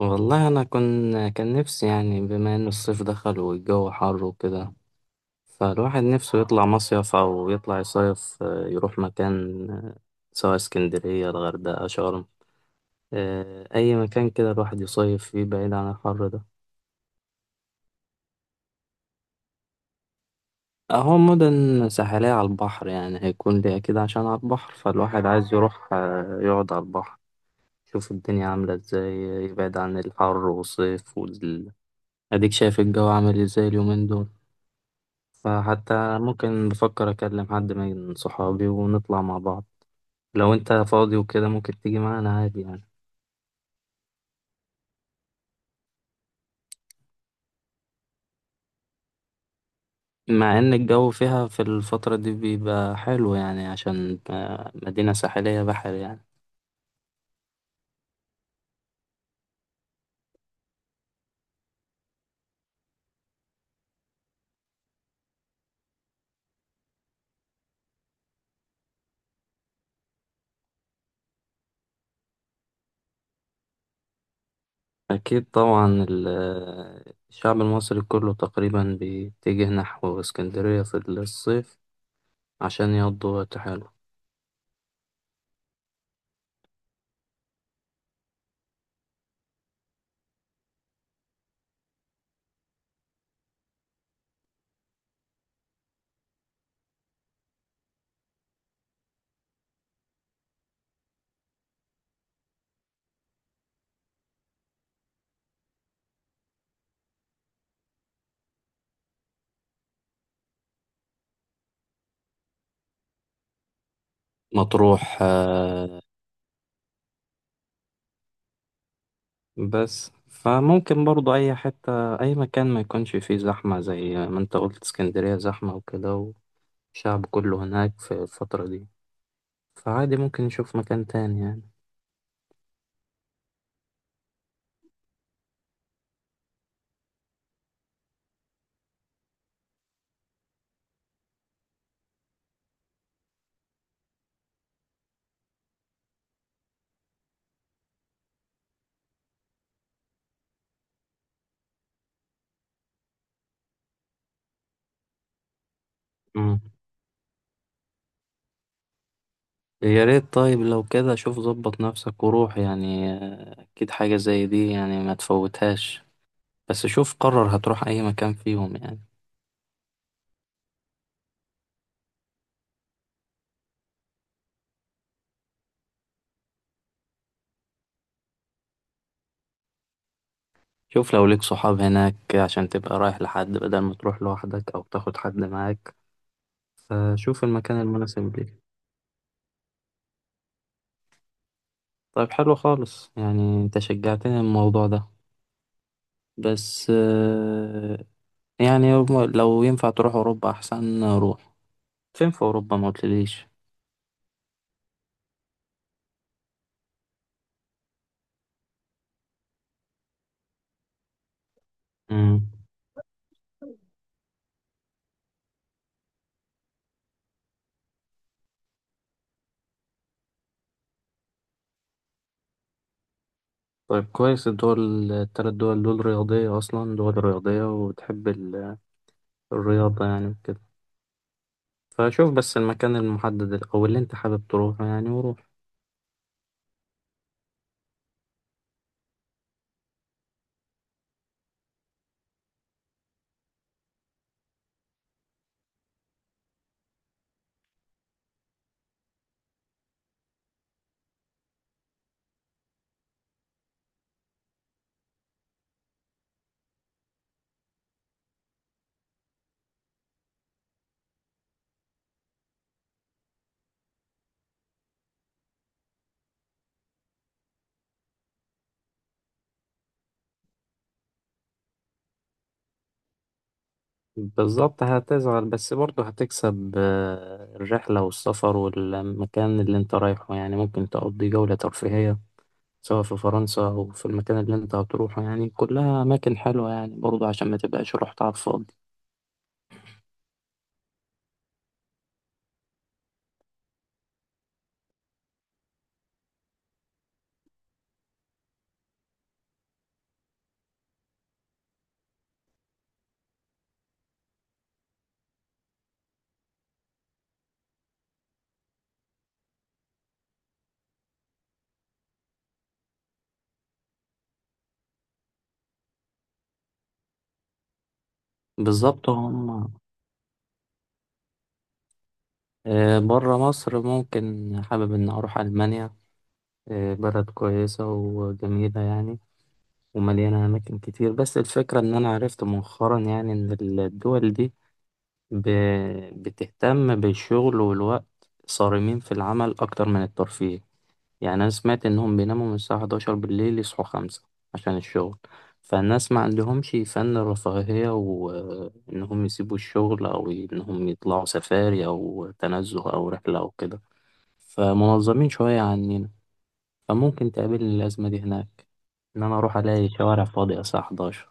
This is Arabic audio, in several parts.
والله انا كان نفسي، يعني بما ان الصيف دخل والجو حر وكده، فالواحد نفسه يطلع مصيف او يطلع يصيف، يروح مكان. سواء اسكندرية، الغردقة، شرم، اي مكان كده الواحد يصيف فيه بعيد عن الحر ده. اهو مدن ساحلية على البحر، يعني هيكون ليه كده عشان على البحر، فالواحد عايز يروح يقعد على البحر، يشوف الدنيا عاملة ازاي، يبعد عن الحر والصيف اديك شايف الجو عامل ازاي اليومين دول. فحتى ممكن، بفكر أكلم حد من صحابي ونطلع مع بعض. لو أنت فاضي وكده ممكن تيجي معانا عادي يعني. مع إن الجو فيها في الفترة دي بيبقى حلو، يعني عشان مدينة ساحلية، بحر يعني. أكيد طبعا الشعب المصري كله تقريبا بيتجه نحو اسكندرية في الصيف عشان يقضوا وقت حلو. مطروح بس فممكن برضو أي حتة، أي مكان ما يكونش فيه زحمة زي ما أنت قلت اسكندرية زحمة وكده، والشعب كله هناك في الفترة دي. فعادي ممكن نشوف مكان تاني يعني. مم. يا ريت، طيب لو كده شوف ظبط نفسك وروح يعني، أكيد حاجة زي دي يعني ما تفوتهاش. بس شوف قرر هتروح أي مكان فيهم يعني. شوف لو ليك صحاب هناك عشان تبقى رايح لحد، بدل ما تروح لوحدك أو تاخد حد معاك. فشوف المكان المناسب ليك. طيب حلو خالص، يعني انت شجعتني الموضوع ده. بس يعني لو ينفع تروح اوروبا احسن روح. فين في اوروبا؟ ما قلتليش. امم. طيب كويس، الدول التلات دول دول رياضية اصلا، دول رياضية وتحب الرياضة يعني وكده. فشوف بس المكان المحدد او اللي انت حابب تروحه يعني وروح. بالظبط هتزعل، بس برضه هتكسب الرحلة والسفر والمكان اللي انت رايحه، يعني ممكن تقضي جولة ترفيهية سواء في فرنسا أو في المكان اللي أنت هتروحه. يعني كلها أماكن حلوة يعني برضه، عشان ما تبقاش رحت على الفاضي. بالظبط. هم، بره مصر ممكن حابب إن أروح ألمانيا. بلد كويسة وجميلة يعني، ومليانة أماكن كتير. بس الفكرة إن أنا عرفت مؤخرا يعني إن الدول دي بتهتم بالشغل والوقت، صارمين في العمل أكتر من الترفيه. يعني أنا سمعت إنهم بيناموا من الساعة 11 بالليل، يصحوا 5 عشان الشغل. فالناس ما عندهمش فن الرفاهية وإنهم يسيبوا الشغل أو إنهم يطلعوا سفاري أو تنزه أو رحلة أو كده. فمنظمين شوية عننا. فممكن تقابلني الأزمة دي هناك، إن أنا أروح ألاقي شوارع فاضية الساعة 11.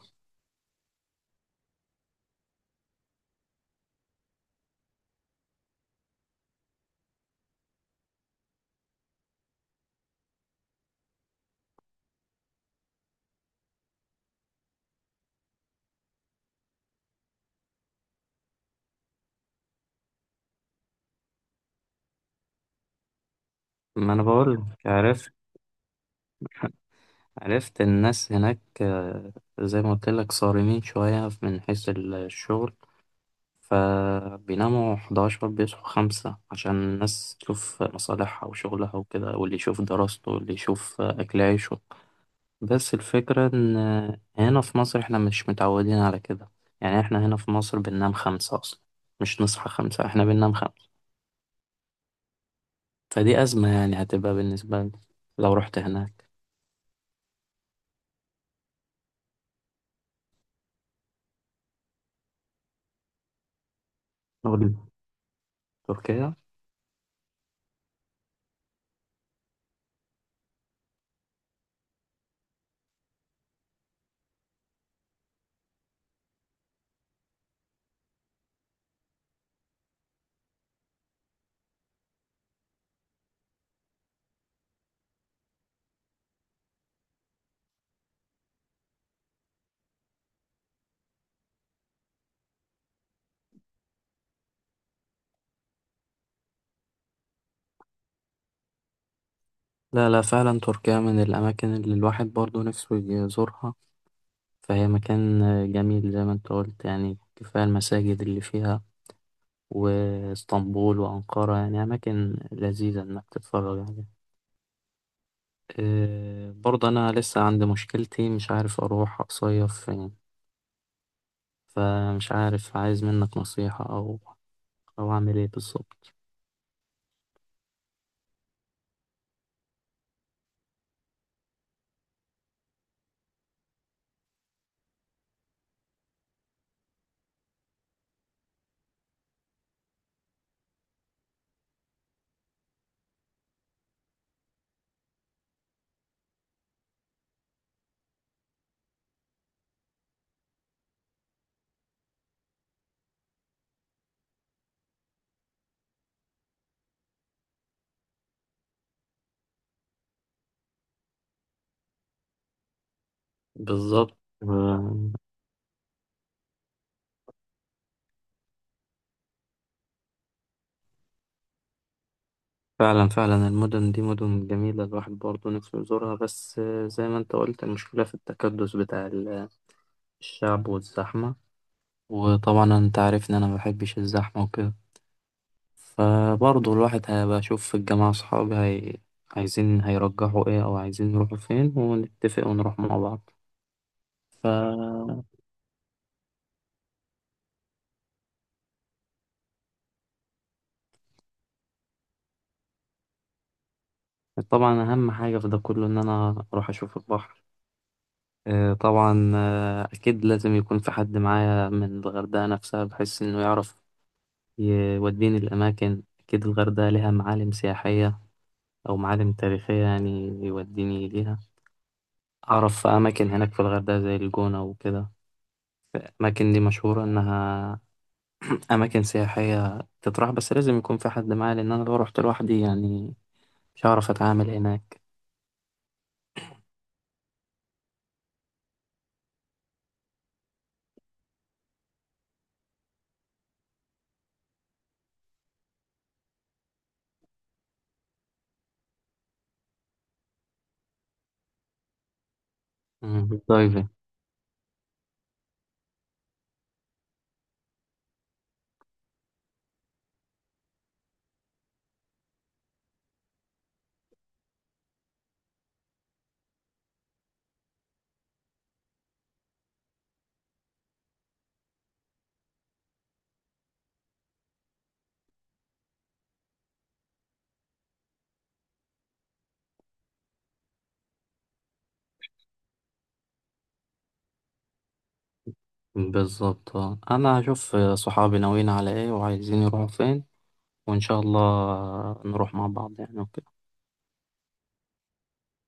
ما أنا بقول لك، عرفت. عرفت الناس هناك، زي ما قلت لك صارمين شوية من حيث الشغل. فبيناموا 11 بيصحوا 5 عشان الناس تشوف مصالحها وشغلها وكده، واللي يشوف دراسته واللي يشوف أكل عيشه. بس الفكرة إن هنا في مصر إحنا مش متعودين على كده. يعني إحنا هنا في مصر بننام 5 أصلا، مش نصحى 5، إحنا بننام 5. فدي أزمة يعني هتبقى بالنسبة لي لو رحت هناك. نقول تركيا. لا لا، فعلا تركيا من الأماكن اللي الواحد برضه نفسه يزورها. فهي مكان جميل زي ما أنت قلت يعني، كفاية المساجد اللي فيها، واسطنبول وأنقرة، يعني أماكن لذيذة إنك تتفرج عليها. برضه أنا لسه عندي مشكلتي، مش عارف أروح أصيف فين. فمش عارف، عايز منك نصيحة أو أعمل إيه بالظبط. بالظبط آه، فعلا فعلا المدن دي مدن جميلة الواحد برضه نفسه يزورها. بس زي ما أنت قلت المشكلة في التكدس بتاع الشعب والزحمة. وطبعا أنت عارف إن أنا مبحبش الزحمة وكده. فبرضه الواحد هيبقى أشوف في الجامعة أصحابي عايزين هيرجحوا إيه أو عايزين يروحوا فين ونتفق ونروح مع بعض. فطبعا أهم حاجة في ده كله إن أنا أروح أشوف البحر. طبعا أكيد لازم يكون في حد معايا من الغردقة نفسها بحيث إنه يعرف يوديني الأماكن. أكيد الغردقة ليها معالم سياحية أو معالم تاريخية يعني يوديني ليها. أعرف في أماكن هناك في الغردقة زي الجونة وكده، الأماكن دي مشهورة إنها أماكن سياحية تطرح. بس لازم يكون في حد معايا لأن أنا لو رحت لوحدي يعني مش هعرف أتعامل هناك. مم، بالدايفنج. بالظبط أنا هشوف صحابي ناويين على إيه وعايزين يروحوا فين، وإن شاء الله نروح مع بعض يعني وكده.